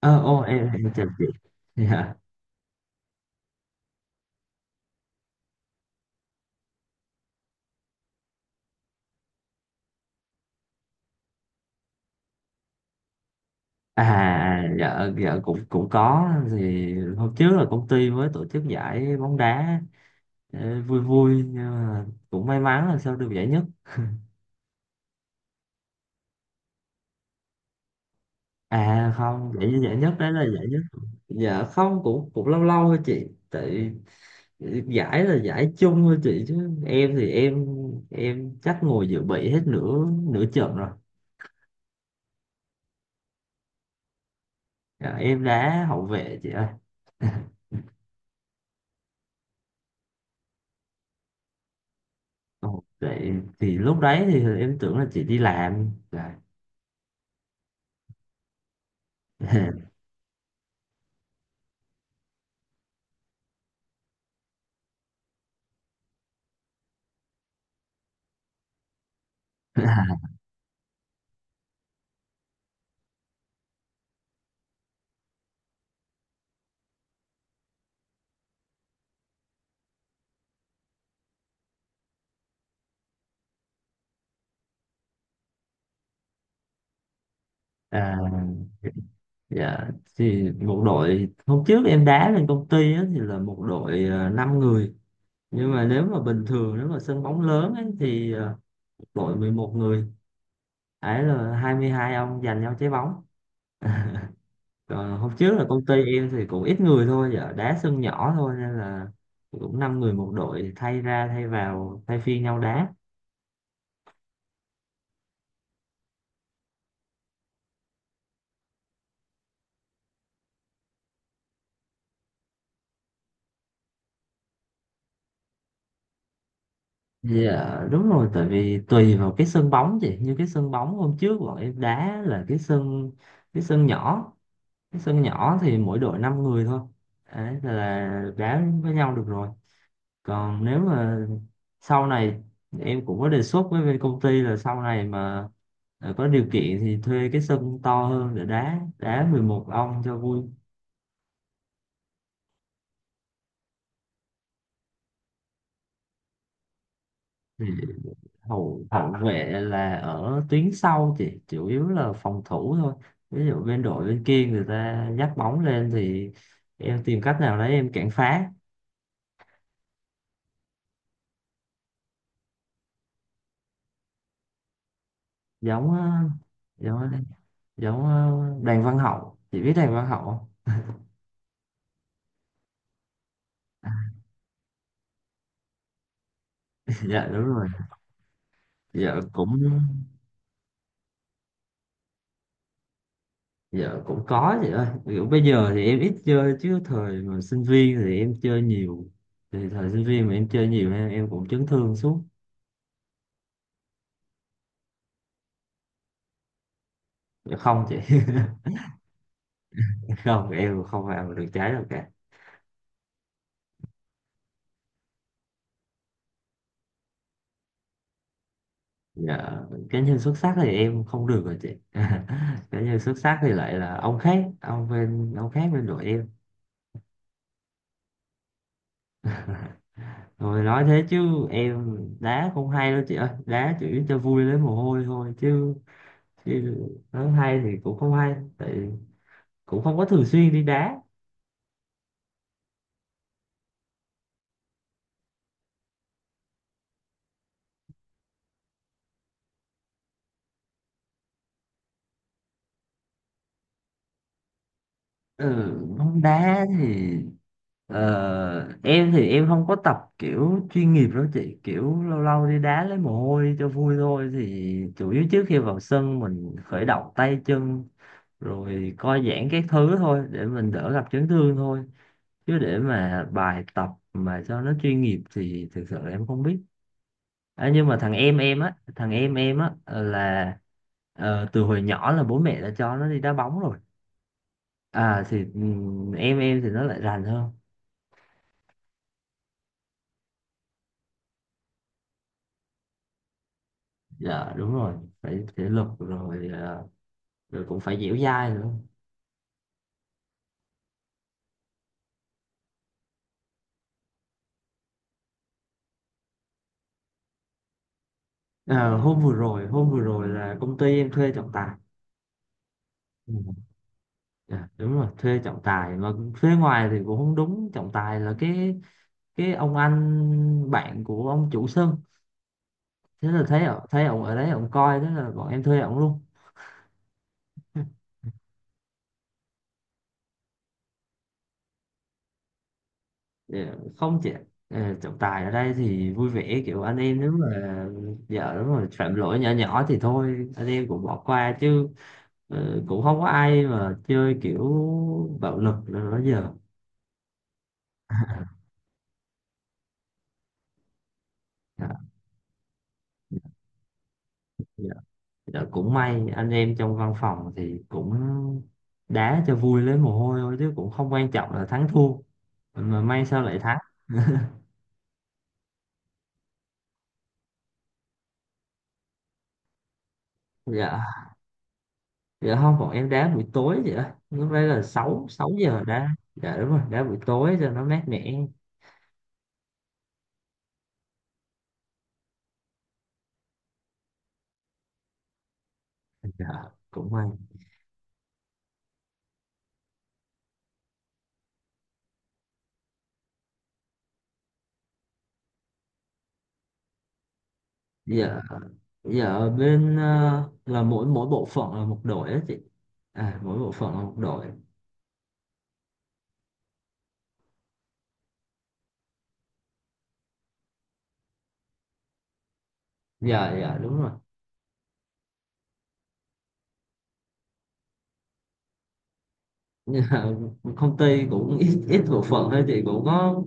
Ờ ô Em chào chị. Dạ. Dạ dạ, cũng cũng có. Thì hôm trước là công ty mới tổ chức giải bóng đá, vui vui, nhưng mà cũng may mắn là sao được giải nhất. À không, giải giải nhất đấy là giải nhất. Dạ không, cũng cũng lâu lâu thôi chị, tại giải là giải chung thôi chị, chứ em thì em chắc ngồi dự bị hết nửa nửa trận rồi. Dạ, em đá hậu vệ chị ơi. Ồ, vậy thì lúc đấy thì em tưởng là chị đi làm. Dạ. À, dạ. Thì một đội hôm trước em đá lên công ty á, thì là một đội 5 người, nhưng mà nếu mà bình thường, nếu mà sân bóng lớn ấy, thì đội 11 người. Ấy là 22 ông giành nhau trái bóng. Còn hôm trước là công ty em thì cũng ít người thôi, dạ, đá sân nhỏ thôi nên là cũng 5 người một đội, thay ra thay vào thay phiên nhau đá. Dạ đúng rồi, tại vì tùy vào cái sân bóng chị, như cái sân bóng hôm trước bọn em đá là cái sân, cái sân nhỏ, cái sân nhỏ thì mỗi đội 5 người thôi, đấy là đá với nhau được rồi. Còn nếu mà sau này em cũng có đề xuất với bên công ty là sau này mà có điều kiện thì thuê cái sân to hơn để đá đá 11 ông cho vui. Thì hậu hậu vệ là ở tuyến sau, chỉ chủ yếu là phòng thủ thôi. Ví dụ bên đội bên kia người ta dắt bóng lên thì em tìm cách nào đấy em cản phá. Giống ờ, giống giống ờ, Đàn Văn Hậu, chị biết Đàn Văn Hậu không? Dạ đúng rồi. Dạ cũng. Dạ cũng có chị ơi, kiểu bây giờ thì em ít chơi, chứ thời mà sinh viên thì em chơi nhiều. Thì thời sinh viên mà em chơi nhiều, em cũng chấn thương suốt. Dạ không chị. Không, em không vào được trái đâu cả. Dạ cá nhân xuất sắc thì em không được rồi chị. Cá nhân xuất sắc thì lại là ông khác, ông bên ông khác bên đội em. Rồi nói thế chứ em đá cũng hay đâu chị ơi. Đá chỉ cho vui lấy mồ hôi thôi chứ, chứ nói hay thì cũng không hay. Tại cũng không có thường xuyên đi đá. Ừ, bóng đá thì em thì em không có tập kiểu chuyên nghiệp đâu chị. Kiểu lâu lâu đi đá lấy mồ hôi cho vui thôi. Thì chủ yếu trước khi vào sân mình khởi động tay chân, rồi co giãn các thứ thôi để mình đỡ gặp chấn thương thôi. Chứ để mà bài tập mà cho nó chuyên nghiệp thì thực sự là em không biết. À, nhưng mà thằng em á, thằng em á là từ hồi nhỏ là bố mẹ đã cho nó đi đá bóng rồi. Thì em thì nó lại rành hơn. Dạ đúng rồi, phải thể lực rồi, rồi cũng phải dẻo dai nữa. Hôm vừa rồi là công ty em thuê trọng tài. Ừ. Dạ, đúng rồi, thuê trọng tài mà thuê ngoài thì cũng không đúng, trọng tài là cái ông anh bạn của ông chủ sân, thế là thấy ông ở đấy ông coi, thế là bọn em thuê ông luôn. Ờ, Không chị, trọng tài ở đây thì vui vẻ kiểu anh em, nếu mà vợ nếu mà phạm lỗi nhỏ nhỏ thì thôi anh em cũng bỏ qua chứ. Cũng không có ai mà chơi kiểu bạo lực nữa đó giờ. Dạ, dạ. Dạ, cũng may anh em trong văn phòng thì cũng đá cho vui lấy mồ hôi thôi chứ cũng không quan trọng là thắng thua, mà may sao lại thắng. Dạ dạ không, bọn em đá buổi tối vậy á, lúc đấy là 6 6 giờ đá. Dạ đúng rồi, đá buổi tối cho nó mát mẻ. Dạ cũng may. Dạ dạ, ở bên là mỗi mỗi bộ phận là một đội á chị. À mỗi bộ phận là một đội. Dạ dạ đúng rồi. Dạ, công ty cũng ít ít bộ phận thôi chị, cũng có,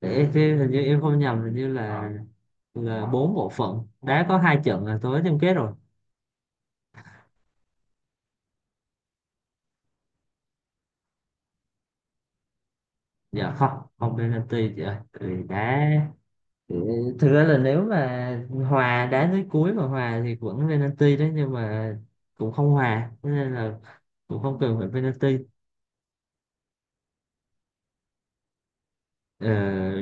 để em xem, hình như em không nhầm, hình như là bốn bộ phận đá có hai trận là tối chung kết rồi. Dạ không, không penalty chị ơi, thì đá. Ừ, thực ra là nếu mà hòa, đá tới cuối mà hòa thì cũng penalty đấy, nhưng mà cũng không hòa. Thế nên là cũng không cần phải penalty. Ờ,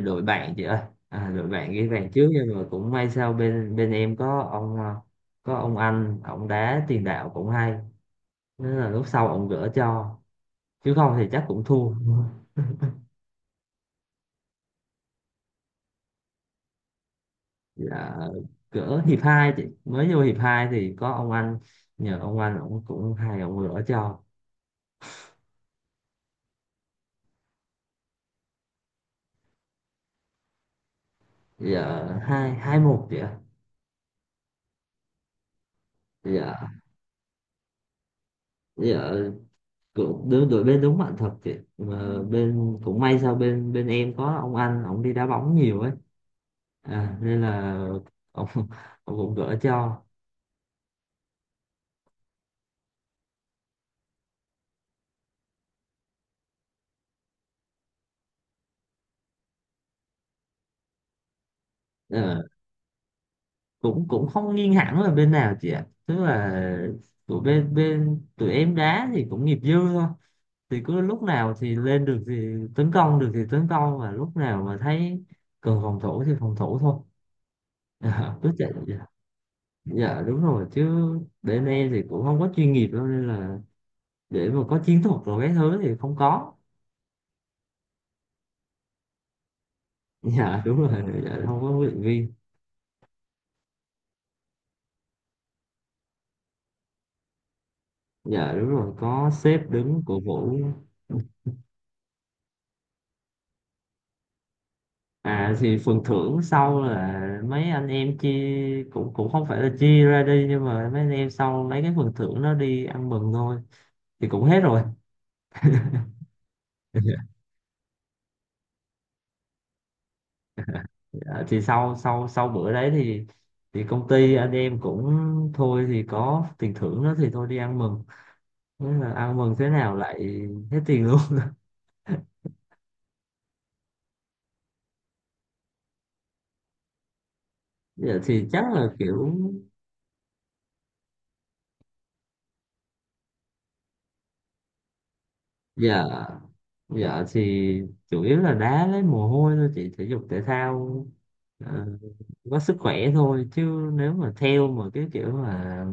Đội bạn chị ơi. À, đội bạn ghi bàn trước, nhưng mà cũng may sao bên bên em có ông có ông anh ông đá tiền đạo cũng hay, nên là lúc sau ông gỡ cho. Chứ không thì chắc cũng thua. Dạ, gỡ hiệp hai chị, mới vô hiệp hai thì có ông anh, nhờ ông anh ông cũng hay, ông gỡ cho. Giờ hai 2-1 chị ạ. Dạ. Dạ, cũng đứng đội bên, đúng bạn thật chị, mà bên cũng may sao bên bên em có ông anh ông đi đá bóng nhiều ấy, à, nên là ông, ông cũng gỡ cho. Ờ, cũng cũng không nghiêng hẳn là bên nào chị ạ, tức là tụi bên bên tụi em đá thì cũng nghiệp dư thôi, thì cứ lúc nào thì lên được thì tấn công được thì tấn công, và lúc nào mà thấy cần phòng thủ thì phòng thủ thôi. Ờ, Cứ chạy. Dạ, dạ đúng rồi chứ bên em thì cũng không có chuyên nghiệp đâu, nên là để mà có chiến thuật rồi cái thứ thì không có. Dạ đúng. Ừ. Rồi dạ, không có huấn luyện viên. Dạ đúng rồi, có sếp đứng cổ vũ. À thì phần thưởng sau là mấy anh em chia, cũng cũng không phải là chia ra đi, nhưng mà mấy anh em sau lấy cái phần thưởng đó đi ăn mừng thôi, thì cũng hết rồi. Dạ, thì sau sau sau bữa đấy thì công ty anh em cũng thôi, thì có tiền thưởng đó thì thôi đi ăn mừng. Thế là ăn mừng thế nào lại hết tiền luôn. Dạ, thì chắc là kiểu, dạ. Dạ thì chủ yếu là đá lấy mồ hôi thôi chị, thể dục thể thao, ờ, có sức khỏe thôi, chứ nếu mà theo mà cái kiểu mà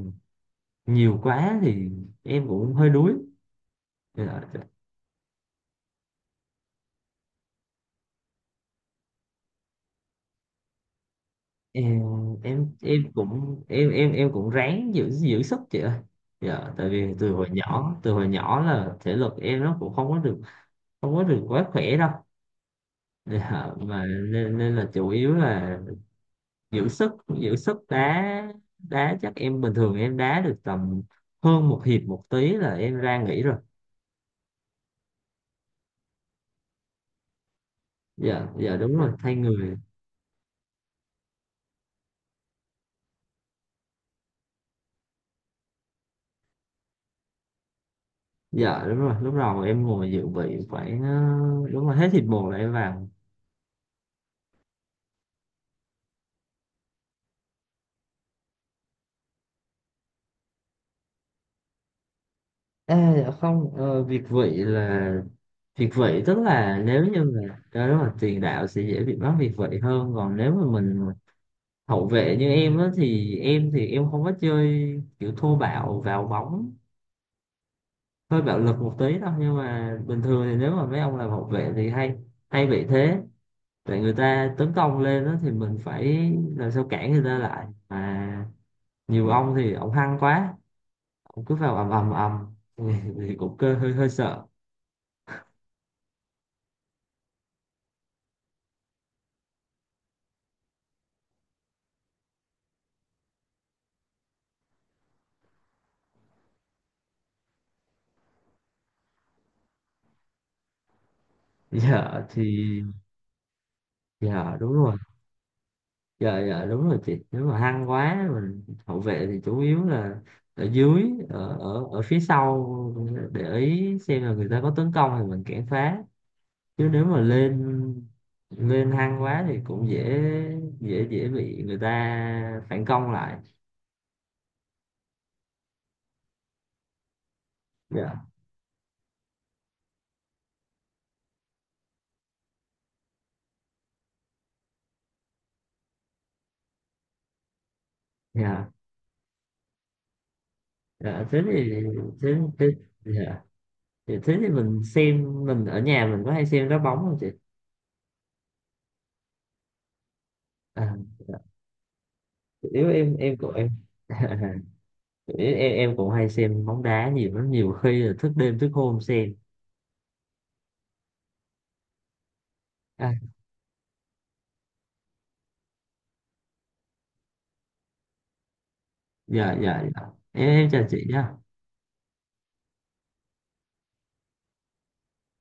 nhiều quá thì em cũng hơi đuối. Dạ, em em cũng em cũng ráng giữ giữ sức chị ơi. Dạ tại vì từ hồi nhỏ là thể lực em nó cũng không có được, không có được quá khỏe đâu. Dạ, mà nên là chủ yếu là giữ sức giữ sức đá đá chắc em bình thường em đá được tầm hơn một hiệp một tí là em ra nghỉ rồi. Dạ dạ đúng rồi, thay người. Dạ đúng rồi, lúc đầu em ngồi dự bị khoảng đúng rồi hết hiệp một là em vào. À dạ không, việt vị là việt vị tức là nếu như là đó đúng rồi, tiền đạo sẽ dễ bị mắc việt vị hơn, còn nếu mà mình hậu vệ như em á thì em không có chơi kiểu thô bạo vào bóng, hơi bạo lực một tí đó, nhưng mà bình thường thì nếu mà mấy ông làm hậu vệ thì hay hay bị thế. Tại người ta tấn công lên đó thì mình phải làm sao cản người ta lại mà nhiều ông thì ông hăng quá, ông cứ vào ầm ầm ầm, thì, cũng hơi hơi sợ. giờ thì Giờ đúng rồi. Giờ Giờ đúng rồi chị, nếu mà hăng quá mình hậu vệ thì chủ yếu là ở dưới, ở ở, ở phía sau, để ý xem là người ta có tấn công thì mình cản phá. Chứ nếu mà lên lên hăng quá thì cũng dễ, dễ bị người ta phản công lại. Dạ dạ dạ. thế thì thế thế dạ thì Thế thì mình xem mình ở nhà mình có hay xem đá bóng không chị? À, dạ. Nếu em của em, em cũng hay xem bóng đá nhiều lắm, nhiều khi là thức đêm thức hôm xem. À, dạ dạ dạ, em chào chị nhá.